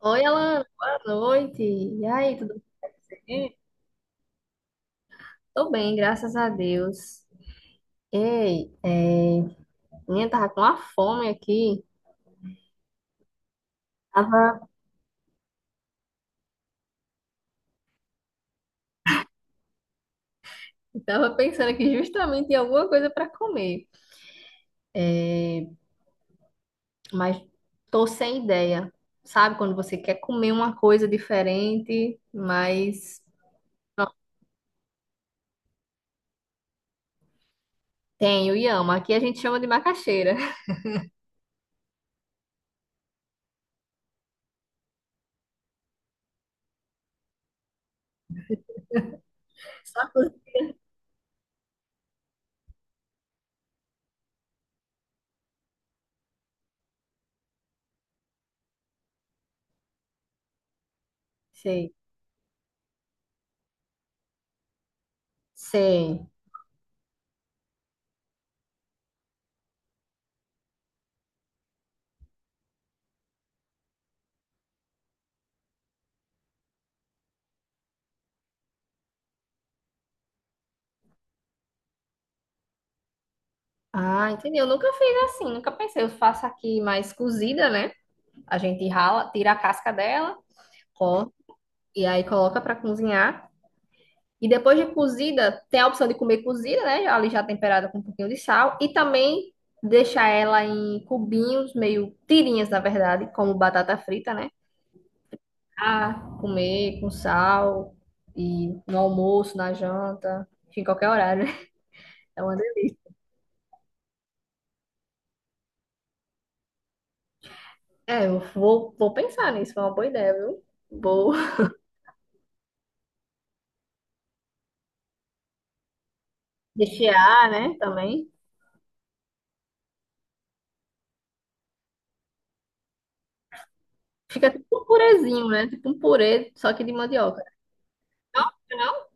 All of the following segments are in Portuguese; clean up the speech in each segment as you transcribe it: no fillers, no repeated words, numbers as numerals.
Oi, Alana, boa noite. E aí, tudo bem? Tô bem, graças a Deus. Ei, é... minha tava com uma fome aqui. Tava, tava pensando aqui justamente em alguma coisa para comer, mas tô sem ideia. Sabe quando você quer comer uma coisa diferente, mas não, tenho e amo. Aqui a gente chama de macaxeira. Só por- Sei, sei. Ah, entendi. Eu nunca fiz assim, nunca pensei. Eu faço aqui mais cozida, né? A gente rala, tira a casca dela, corta e aí coloca para cozinhar. E depois de cozida, tem a opção de comer cozida, né? Ali já temperada com um pouquinho de sal. E também deixar ela em cubinhos, meio tirinhas, na verdade, como batata frita, né? Ah, comer com sal e no almoço, na janta, enfim, qualquer horário, né? É uma delícia. É, eu vou pensar nisso, foi uma boa ideia, viu? Vou rechear, né, também. Fica tipo um purezinho, né? Tipo um purê, só que de mandioca. Não?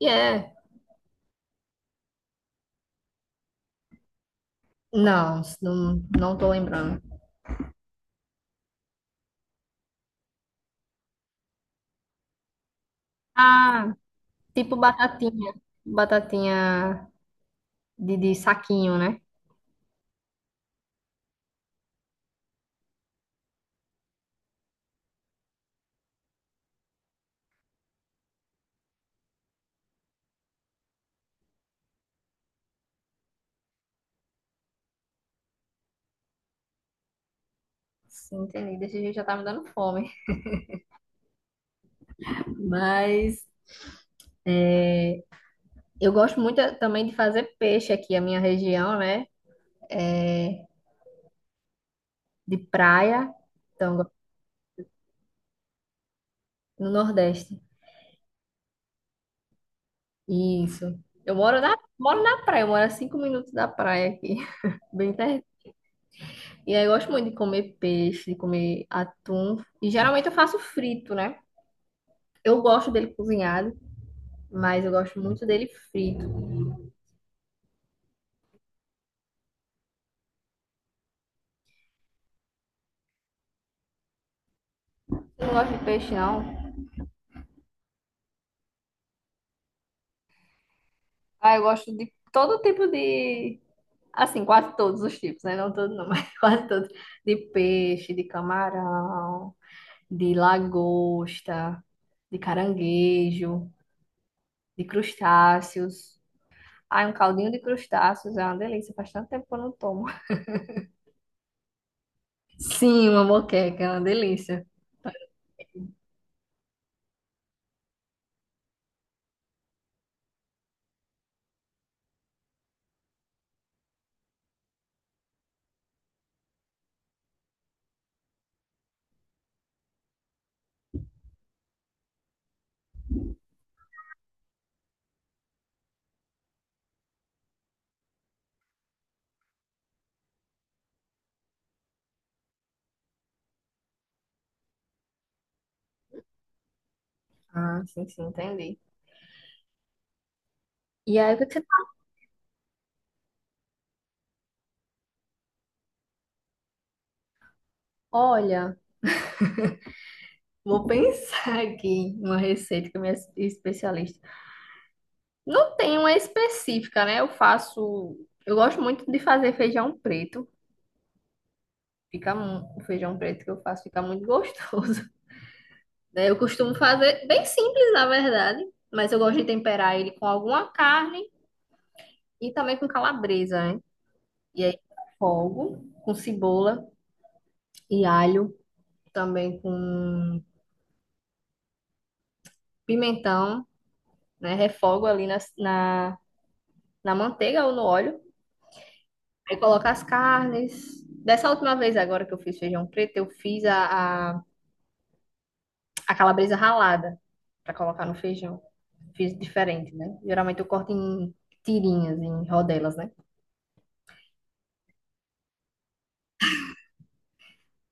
E é. Não, não, não tô lembrando. Ah, tipo batatinha. Batatinha de saquinho, né? Sim, entendi. Desse jeito já tá me dando fome. Mas eu gosto muito também de fazer peixe aqui, a minha região, né? É, de praia. Então, no Nordeste. Isso. Eu moro na praia, eu moro a 5 minutos da praia aqui. Bem perto. E aí eu gosto muito de comer peixe, de comer atum. E geralmente eu faço frito, né? Eu gosto dele cozinhado, mas eu gosto muito dele frito. Eu não gosto de peixe, não. Ah, eu gosto de todo tipo de. Assim, quase todos os tipos, né? Não todos, não, mas quase todos. De peixe, de camarão, de lagosta, de caranguejo, de crustáceos. Ai, um caldinho de crustáceos é uma delícia. Faz tanto tempo que eu não tomo. Sim, uma moqueca é uma delícia. Ah, sim, sim, entendi. E aí, o que que você tá? Olha, vou pensar aqui em uma receita que a minha especialista. Não tem uma específica, né? Eu faço. Eu gosto muito de fazer feijão preto. O feijão preto que eu faço fica muito gostoso. né? Eu costumo fazer bem simples, na verdade, mas eu gosto de temperar ele com alguma carne e também com calabresa, né? E aí, fogo com cebola e alho, também com pimentão. Né? Refogo ali na manteiga ou no óleo. Aí coloco as carnes. Dessa última vez agora que eu fiz feijão preto, eu fiz a calabresa ralada para colocar no feijão. Fiz diferente, né? Geralmente eu corto em tirinhas, em rodelas, né?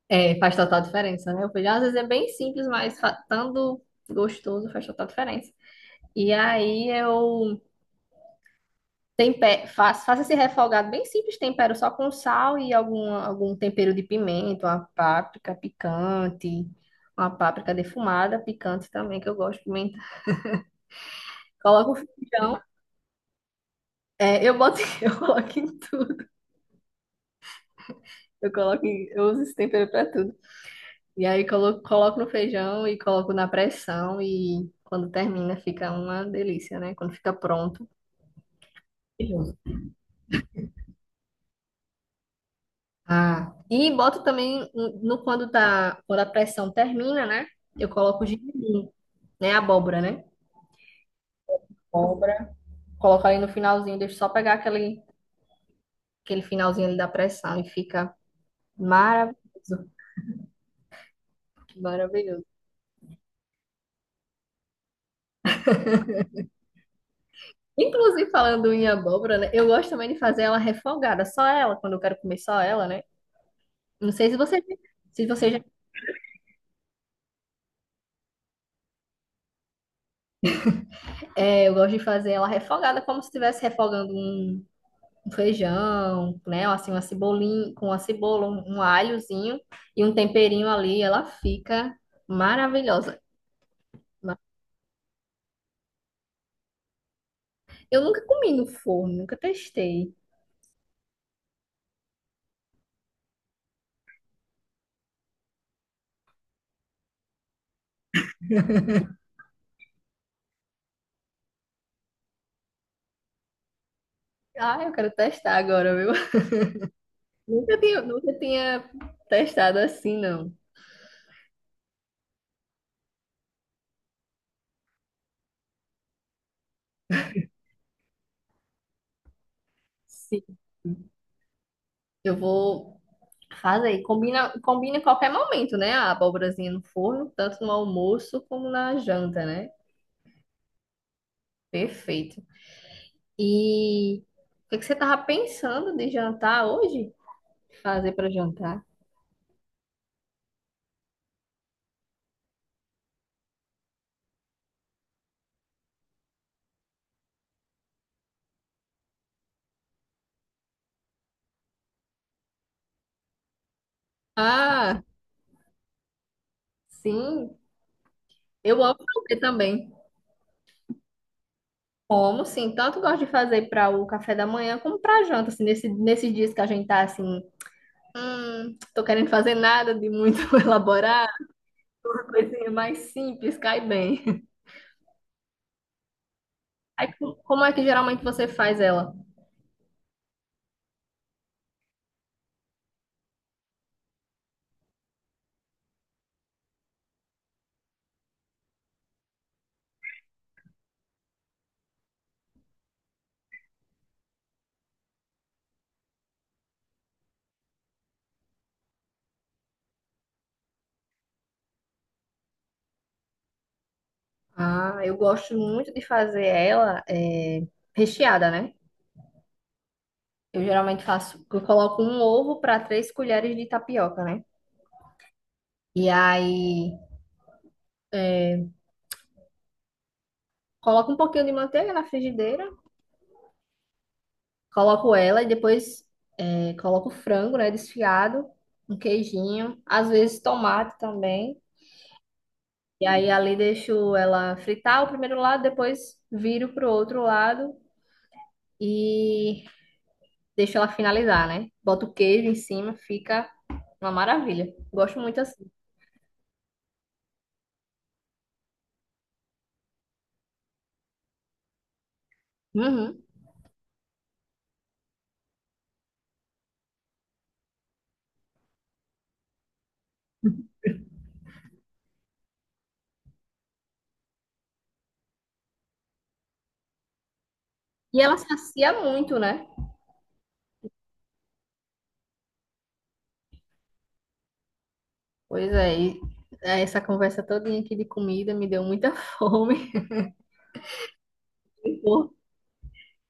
É, faz total diferença, né? O feijão às vezes é bem simples, mas estando gostoso faz total diferença. E aí eu Tempe... faz faça esse refogado bem simples, tempero só com sal e algum tempero de pimenta, uma páprica picante, uma páprica defumada, picante também, que eu gosto de pimenta. Coloco o feijão, eu boto, eu coloco em tudo, eu eu uso esse tempero para tudo. E aí coloco no feijão e coloco na pressão e quando termina fica uma delícia, né? Quando fica pronto. Maravilhoso. Ah, e boto também quando tá, quando a pressão termina, né? Eu coloco o gengibre. Né? Abóbora, né? Abóbora. Coloca ali no finalzinho, deixa só pegar aquele finalzinho ali da pressão e fica maravilhoso, maravilhoso. Inclusive, falando em abóbora, né? Eu gosto também de fazer ela refogada, só ela, quando eu quero comer só ela, né? Não sei se você já. É, eu gosto de fazer ela refogada, como se estivesse refogando um feijão, né? Ou assim, uma cebolinha, com uma cebola, um alhozinho e um temperinho ali, ela fica maravilhosa. Ma- Eu nunca comi no forno, nunca testei. Ah, eu quero testar agora, viu? Nunca tinha testado assim, não. Sim. Eu vou fazer. Combina em qualquer momento, né? A abóborazinha no forno, tanto no almoço como na janta, né? Perfeito. E o que é que você tava pensando de jantar hoje? Fazer para jantar? Ah, sim. Eu amo fazer também. Como, sim. Tanto gosto de fazer para o café da manhã como para janta, assim, nesses dias que a gente tá assim. Tô querendo fazer nada de muito elaborado, uma coisinha mais simples, cai bem. Aí, como é que geralmente você faz ela? Ah, eu gosto muito de fazer ela recheada, né? Eu geralmente faço, eu coloco um ovo para 3 colheres de tapioca, né? E aí, coloco um pouquinho de manteiga na frigideira, coloco ela e depois coloco frango, né, desfiado, um queijinho, às vezes tomate também. E aí ali deixo ela fritar o primeiro lado, depois viro pro outro lado e deixo ela finalizar, né? Boto o queijo em cima, fica uma maravilha. Gosto muito assim. Uhum. E ela sacia muito, né? Pois é, e essa conversa todinha aqui de comida me deu muita fome.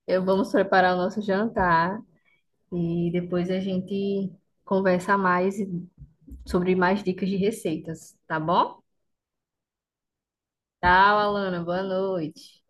Eu vamos preparar o nosso jantar e depois a gente conversa mais sobre mais dicas de receitas, tá bom? Tchau, Alana. Boa noite.